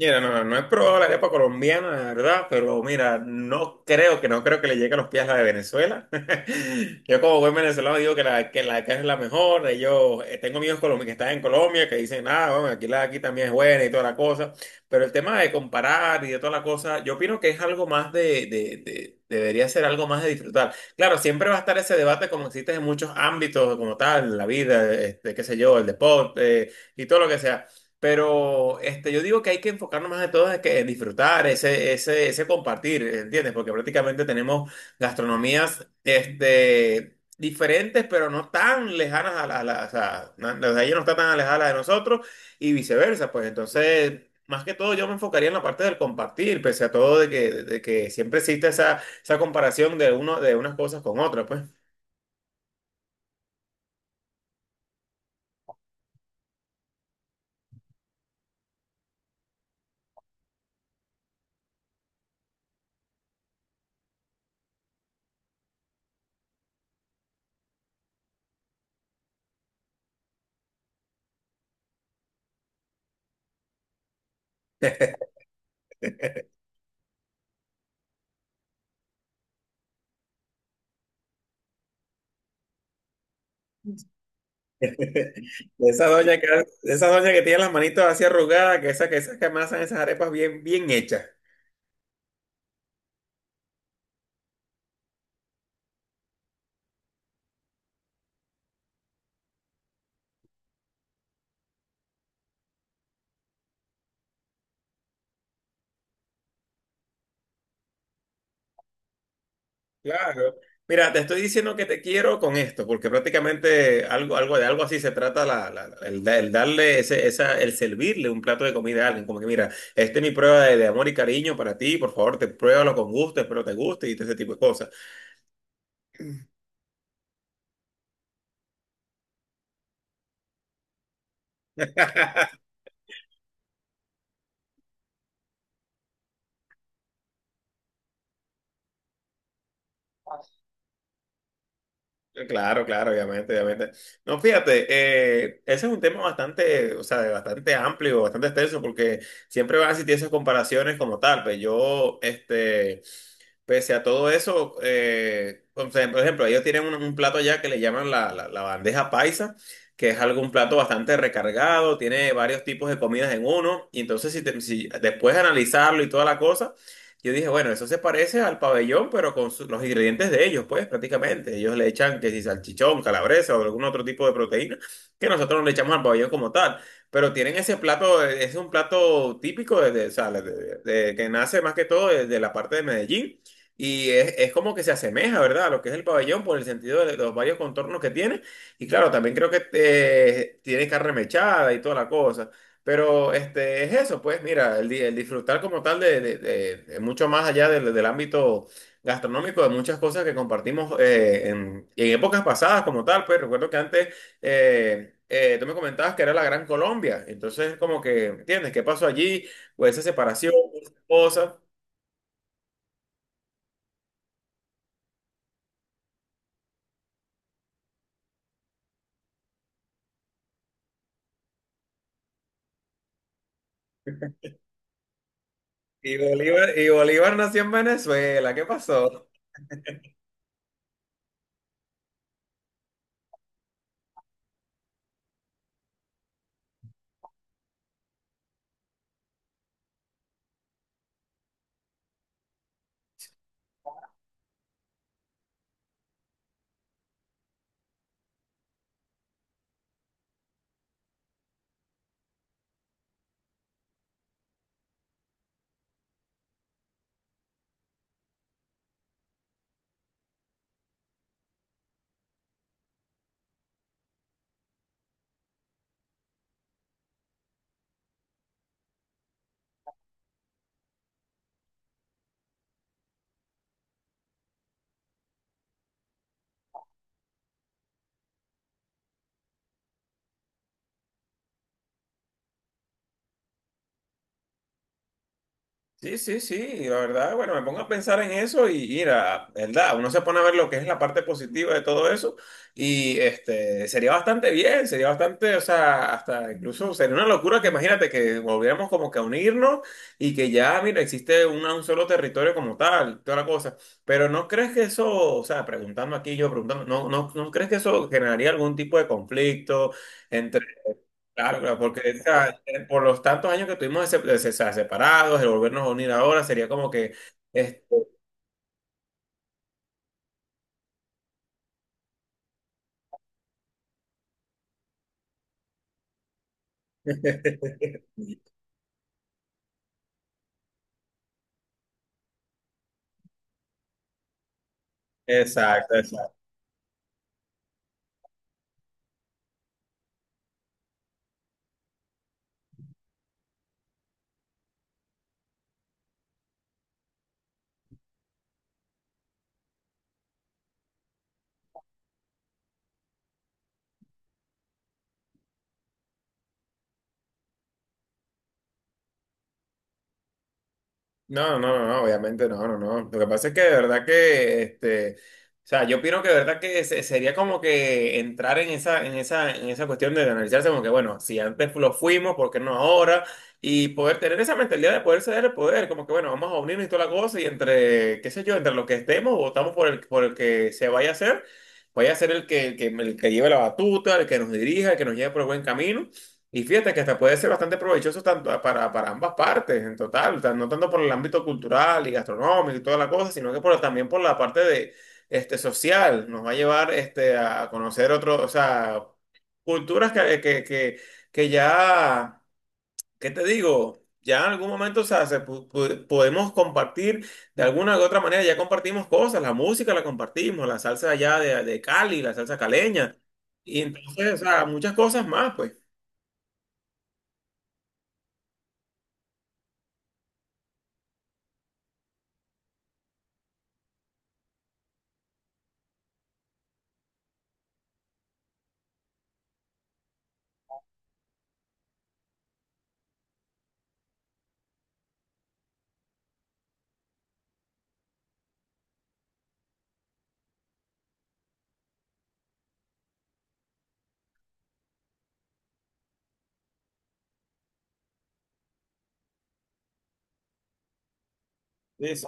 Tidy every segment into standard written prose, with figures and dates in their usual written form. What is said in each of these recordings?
Mira, no, no es probable la arepa colombiana, la verdad, pero mira, no creo que le llegue a los pies la de Venezuela. Yo como buen venezolano digo que la de acá es la mejor. Ellos, tengo amigos colombianos que están en Colombia que dicen, ah, bueno, aquí la de aquí también es buena y toda la cosa. Pero el tema de comparar y de toda la cosa, yo opino que es algo más debería ser algo más de disfrutar. Claro, siempre va a estar ese debate como existe en muchos ámbitos como tal, la vida, este, qué sé yo, el deporte y todo lo que sea. Pero este, yo digo que hay que enfocarnos más de todo en, que, en disfrutar, ese compartir, ¿entiendes? Porque prácticamente tenemos gastronomías este, diferentes, pero no tan lejanas a o sea, na- la de ellos no está tan alejada a la de nosotros y viceversa. Pues entonces, más que todo, yo me enfocaría en la parte del compartir, pese a todo de que siempre existe esa, esa comparación de, uno, de unas cosas con otras, pues. Esa doña que, esa doña que tiene las manitos así arrugadas, esas que amasan esas arepas bien, bien hechas. Claro. Mira, te estoy diciendo que te quiero con esto, porque prácticamente algo así se trata el darle el servirle un plato de comida a alguien. Como que, mira, esta es mi prueba de amor y cariño para ti, por favor, te pruébalo con gusto, espero te guste y todo ese tipo de cosas. Claro, claro, obviamente, obviamente. No, fíjate, ese es un tema bastante, o sea, bastante amplio, bastante extenso, porque siempre van a existir esas comparaciones como tal. Pues yo, este. Pese a todo eso, o sea, por ejemplo, ellos tienen un plato allá que le llaman la bandeja paisa, que es algún plato bastante recargado, tiene varios tipos de comidas en uno, y entonces si, te- si después de analizarlo y toda la cosa, yo dije, bueno, eso se parece al pabellón, pero con su- los ingredientes de ellos, pues prácticamente, ellos le echan que si salchichón, calabresa o algún otro tipo de proteína, que nosotros no le echamos al pabellón como tal. Pero tienen ese plato, es un plato típico o sea, que nace más que todo de la parte de Medellín. Y es como que se asemeja, ¿verdad? A lo que es el pabellón por el sentido de los varios contornos que tiene. Y claro, también creo que tiene carne mechada y toda la cosa. Pero este, es eso, pues mira, el disfrutar como tal de mucho más allá del ámbito gastronómico, de muchas cosas que compartimos en épocas pasadas como tal. Pues recuerdo que antes tú me comentabas que era la Gran Colombia. Entonces, como que, ¿entiendes? ¿Qué pasó allí? Pues esa separación, esas cosas. Y Bolívar nació en Venezuela, ¿qué pasó? Sí, sí, sí, y la verdad, bueno, me pongo a pensar en eso y mira, ¿verdad? Uno se pone a ver lo que es la parte positiva de todo eso y este, sería bastante bien, sería bastante, o sea, hasta incluso sería una locura que imagínate que volviéramos como que a unirnos y que ya, mira, existe una- un solo territorio como tal, toda la cosa, pero ¿no crees que eso, o Claro, claro, porque o sea, por los tantos años que estuvimos separados, el volvernos a unir ahora sería como que... este, Exacto, exacto. No, no, no, no, obviamente no, no, no. Lo que pasa es que de verdad que, este, o sea, yo opino que de verdad que se- sería como que entrar en esa cuestión de analizarse como que, bueno, si antes lo fuimos, ¿por qué no ahora? Y poder tener esa mentalidad de poder ceder el poder, como que, bueno, vamos a unirnos y toda la cosa y entre, qué sé yo, entre los que estemos, votamos por el que se vaya a hacer, vaya a ser el que lleve la batuta, el que nos dirija, el que nos lleve por el buen camino. Y fíjate que hasta puede ser bastante provechoso para ambas partes, en total, o sea, no tanto por el ámbito cultural y gastronómico y toda la cosa, sino que por, también por la parte de, este, social. Nos va a llevar este, a conocer otros, o sea, culturas que ya, ¿qué te digo? Ya en algún momento, o sea, podemos compartir de alguna u otra manera, ya compartimos cosas, la música la compartimos, la salsa allá de Cali, la salsa caleña, y entonces, o sea, muchas cosas más, pues. Sí, sí.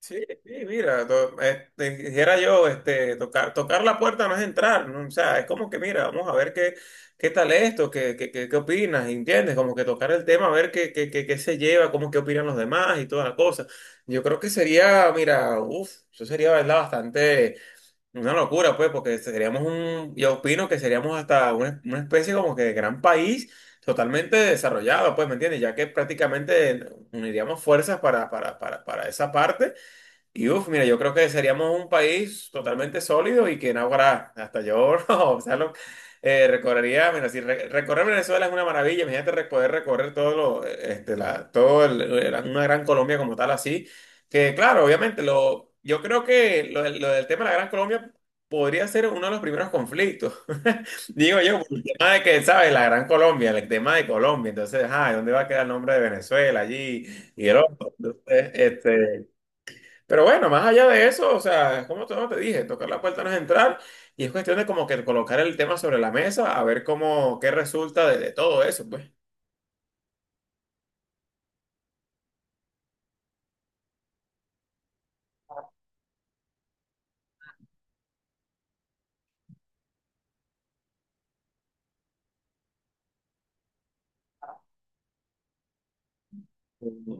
Sí, sí, mira, to- este, dijera yo, este, tocar la puerta no es entrar, ¿no? O sea, es como que, mira, vamos a ver qué, qué tal esto, qué opinas, ¿entiendes? Como que tocar el tema, a ver qué se lleva, cómo qué opinan los demás y toda la cosa. Yo creo que sería, mira, uff, eso sería, ¿verdad? Bastante una locura, pues, porque seríamos un, yo opino que seríamos hasta una especie como que de gran país. Totalmente desarrollado, pues, ¿me entiendes? Ya que prácticamente uniríamos fuerzas para esa parte. Y uff, mira, yo creo que seríamos un país totalmente sólido y que en ahora hasta yo, o sea, lo- recorrería, mira, si re- recorrer Venezuela es una maravilla, imagínate re- poder recorrer todo lo, este, la, todo una gran Colombia como tal así, que claro, obviamente, lo, yo creo que lo del tema de la Gran Colombia podría ser uno de los primeros conflictos, digo yo, por el tema de que, ¿sabes? La Gran Colombia, el tema de Colombia, entonces, ajá, ¿dónde va a quedar el nombre de Venezuela allí y el otro? Entonces, este... Pero bueno, más allá de eso, o sea, es como todo te dije, tocar la puerta no es entrar y es cuestión de como que colocar el tema sobre la mesa, a ver cómo, qué resulta de todo eso, pues. Ujú.